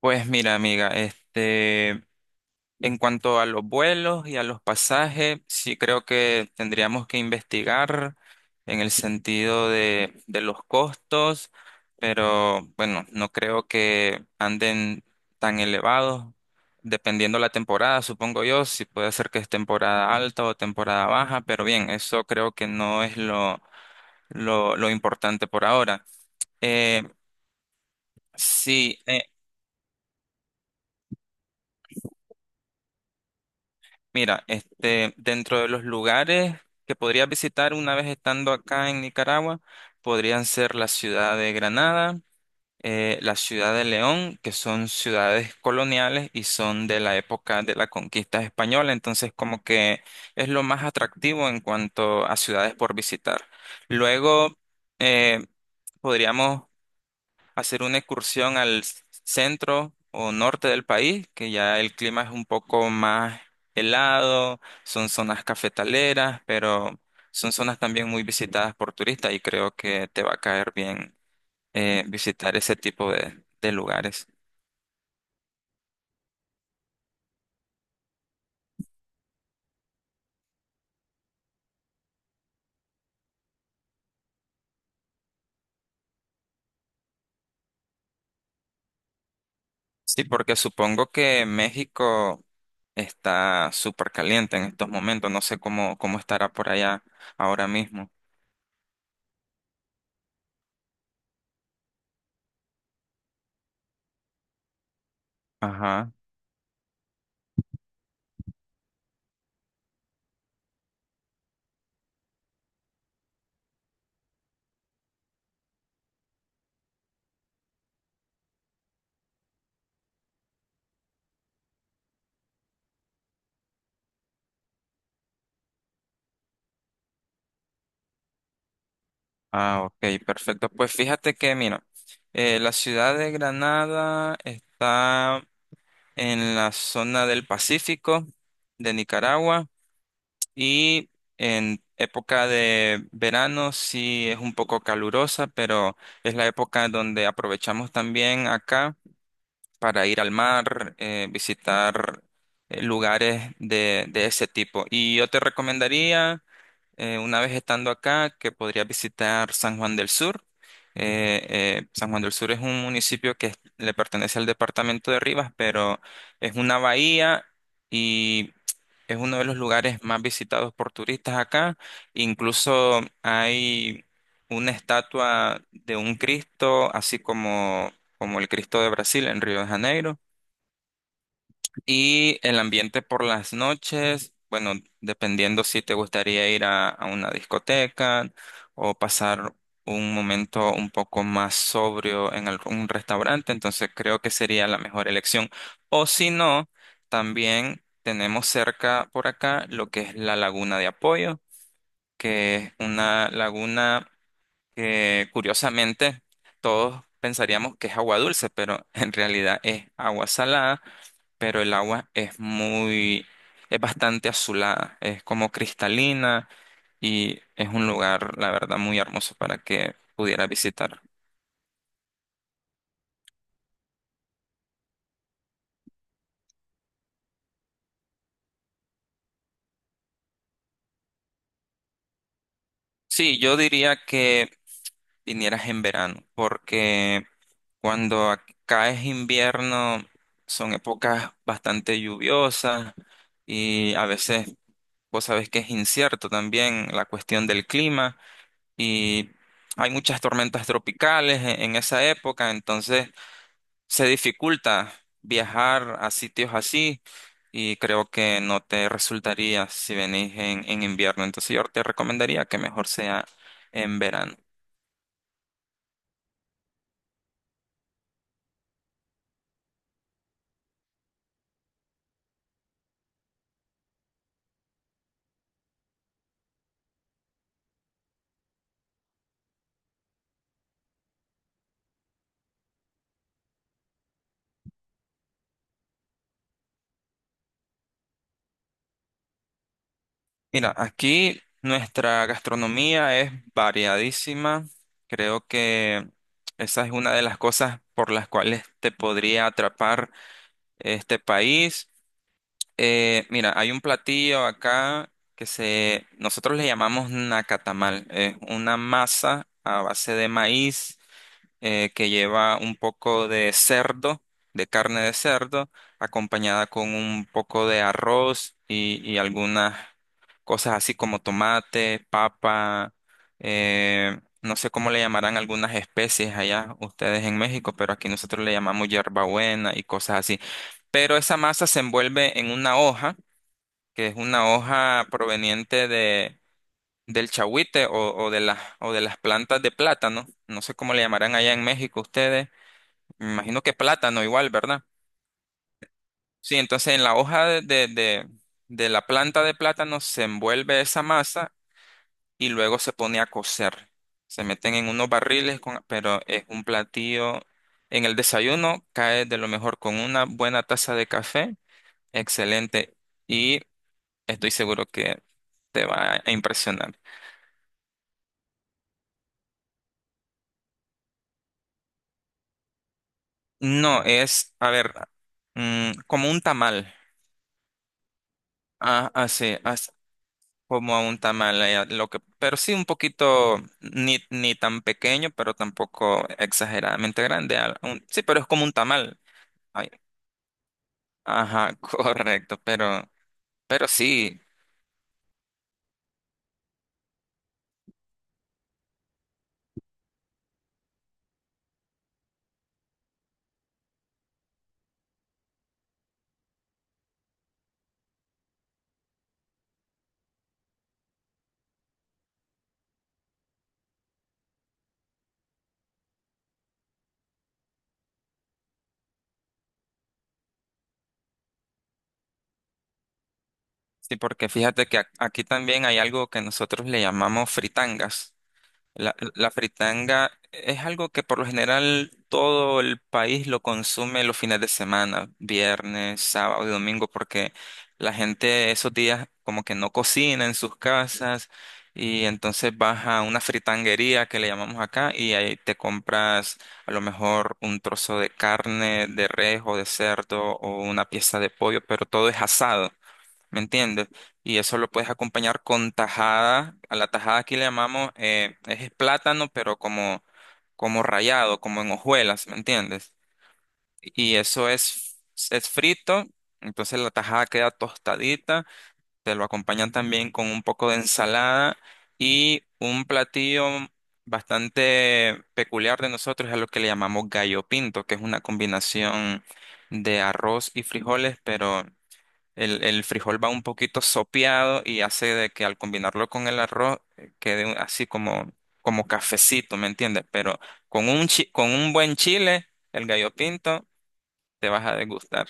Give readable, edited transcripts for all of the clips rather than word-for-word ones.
Pues mira, amiga, este, en cuanto a los vuelos y a los pasajes, sí creo que tendríamos que investigar en el sentido de los costos, pero bueno, no creo que anden tan elevados, dependiendo la temporada, supongo yo, si puede ser que es temporada alta o temporada baja, pero bien, eso creo que no es lo importante por ahora. Eh, sí, Mira, este, dentro de los lugares que podría visitar una vez estando acá en Nicaragua, podrían ser la ciudad de Granada, la ciudad de León, que son ciudades coloniales y son de la época de la conquista española, entonces como que es lo más atractivo en cuanto a ciudades por visitar. Luego, eh, podríamos hacer una excursión al centro o norte del país, que ya el clima es un poco más helado, son zonas cafetaleras, pero son zonas también muy visitadas por turistas y creo que te va a caer bien visitar ese tipo de lugares. Sí, porque supongo que México está súper caliente en estos momentos, no sé cómo estará por allá ahora mismo. Ajá. Ah, ok, perfecto. Pues fíjate que, mira, la ciudad de Granada está en la zona del Pacífico de Nicaragua, y en época de verano sí es un poco calurosa, pero es la época donde aprovechamos también acá para ir al mar, visitar lugares de ese tipo. Y yo te recomendaría una vez estando acá, que podría visitar San Juan del Sur. San Juan del Sur es un municipio le pertenece al departamento de Rivas, pero es una bahía y es uno de los lugares más visitados por turistas acá. Incluso hay una estatua de un Cristo, así como, como el Cristo de Brasil en Río de Janeiro. Y el ambiente por las noches, bueno, dependiendo si te gustaría ir a una discoteca o pasar un momento un poco más sobrio en algún restaurante, entonces creo que sería la mejor elección. O si no, también tenemos cerca por acá lo que es la Laguna de Apoyo, que es una laguna que curiosamente todos pensaríamos que es agua dulce, pero en realidad es agua salada, pero el agua es muy, es bastante azulada, es como cristalina y es un lugar, la verdad, muy hermoso para que pudieras visitar. Sí, yo diría que vinieras en verano, porque cuando acá es invierno son épocas bastante lluviosas, y a veces vos sabés que es incierto también la cuestión del clima, y hay muchas tormentas tropicales en esa época, entonces se dificulta viajar a sitios así y creo que no te resultaría si venís en invierno. Entonces yo te recomendaría que mejor sea en verano. Mira, aquí nuestra gastronomía es variadísima. Creo que esa es una de las cosas por las cuales te podría atrapar este país. Mira, hay un platillo acá nosotros le llamamos nacatamal. Es una masa a base de maíz que lleva un poco de cerdo, de carne de cerdo, acompañada con un poco de arroz y algunas cosas así como tomate, papa, no sé cómo le llamarán algunas especies allá ustedes en México, pero aquí nosotros le llamamos hierbabuena y cosas así. Pero esa masa se envuelve en una hoja, que es una hoja proveniente del chagüite o de las plantas de plátano. No sé cómo le llamarán allá en México ustedes. Me imagino que plátano igual, ¿verdad? Sí, entonces en la hoja de la planta de plátano se envuelve esa masa y luego se pone a cocer. Se meten en unos barriles, pero es un platillo. En el desayuno cae de lo mejor con una buena taza de café. Excelente. Y estoy seguro que te va a impresionar. No, es, a ver, como un tamal. Ah, así, como a un tamal. Lo que, pero sí un poquito, ni tan pequeño, pero tampoco exageradamente grande. Sí, pero es como un tamal. Ay, ajá, correcto, pero, sí, sí, porque fíjate que aquí también hay algo que nosotros le llamamos fritangas. La fritanga es algo que por lo general todo el país lo consume los fines de semana, viernes, sábado y domingo, porque la gente esos días como que no cocina en sus casas y entonces vas a una fritanguería que le llamamos acá, y ahí te compras a lo mejor un trozo de carne, de res o de cerdo, o una pieza de pollo, pero todo es asado. ¿Me entiendes? Y eso lo puedes acompañar con tajada. A la tajada aquí le llamamos, es plátano, pero como rallado, como en hojuelas, ¿me entiendes? Y eso es frito, entonces la tajada queda tostadita. Te lo acompañan también con un poco de ensalada, y un platillo bastante peculiar de nosotros es a lo que le llamamos gallo pinto, que es una combinación de arroz y frijoles, pero el frijol va un poquito sopeado, y hace de que al combinarlo con el arroz quede así como cafecito, ¿me entiendes? Pero con un buen chile, el gallo pinto, te vas a degustar.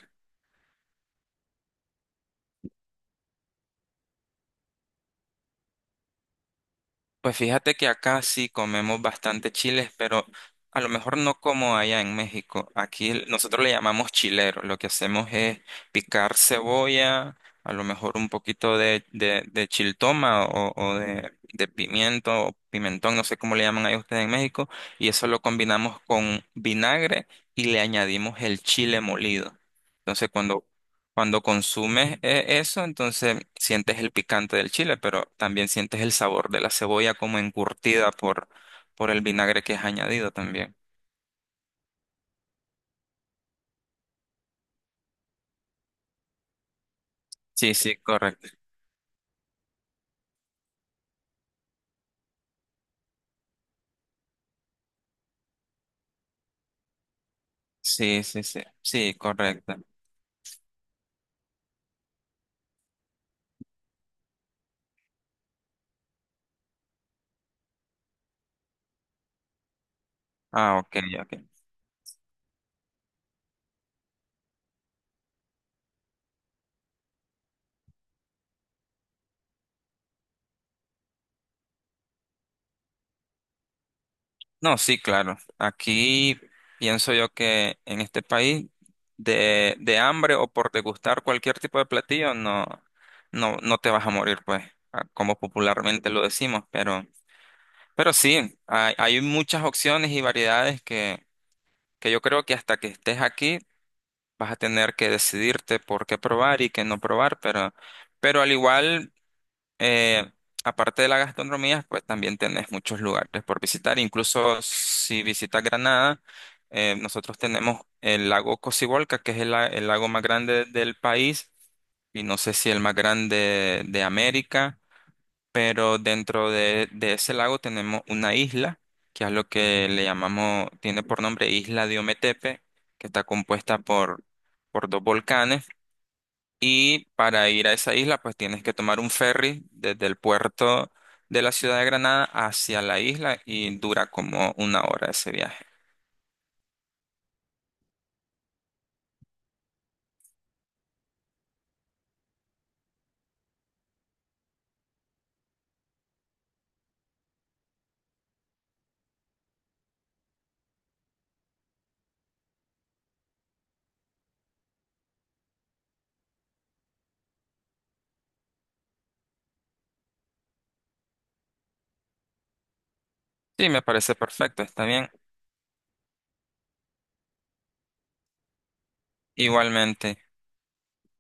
Pues fíjate que acá sí comemos bastante chiles, pero a lo mejor no como allá en México. Aquí nosotros le llamamos chilero. Lo que hacemos es picar cebolla, a lo mejor un poquito de chiltoma, o de pimiento o pimentón, no sé cómo le llaman ahí ustedes en México, y eso lo combinamos con vinagre y le añadimos el chile molido. Entonces, cuando consumes eso, entonces sientes el picante del chile, pero también sientes el sabor de la cebolla como encurtida por el vinagre que es añadido también. Sí, sí, correcto. Sí, sí, sí. Sí, correcto. Ah, ok, ok. No, sí, claro. Aquí pienso yo que en este país de hambre o por degustar cualquier tipo de platillo, no, no te vas a morir, pues, ah, como popularmente lo decimos, pero… Pero sí, hay, muchas opciones y variedades que yo creo que hasta que estés aquí vas a tener que decidirte por qué probar y qué no probar, pero al igual, eh, aparte de la gastronomía, pues también tenés muchos lugares por visitar. Incluso si visitas Granada, nosotros tenemos el lago Cocibolca, que es el lago más grande del país, y no sé si el más grande de América, pero dentro de ese lago tenemos una isla, que es lo que le llamamos, tiene por nombre Isla de Ometepe, que está compuesta por dos volcanes. Y para ir a esa isla, pues tienes que tomar un ferry desde el puerto de la ciudad de Granada hacia la isla, y dura como una hora ese viaje. Sí, me parece perfecto, está bien. Igualmente.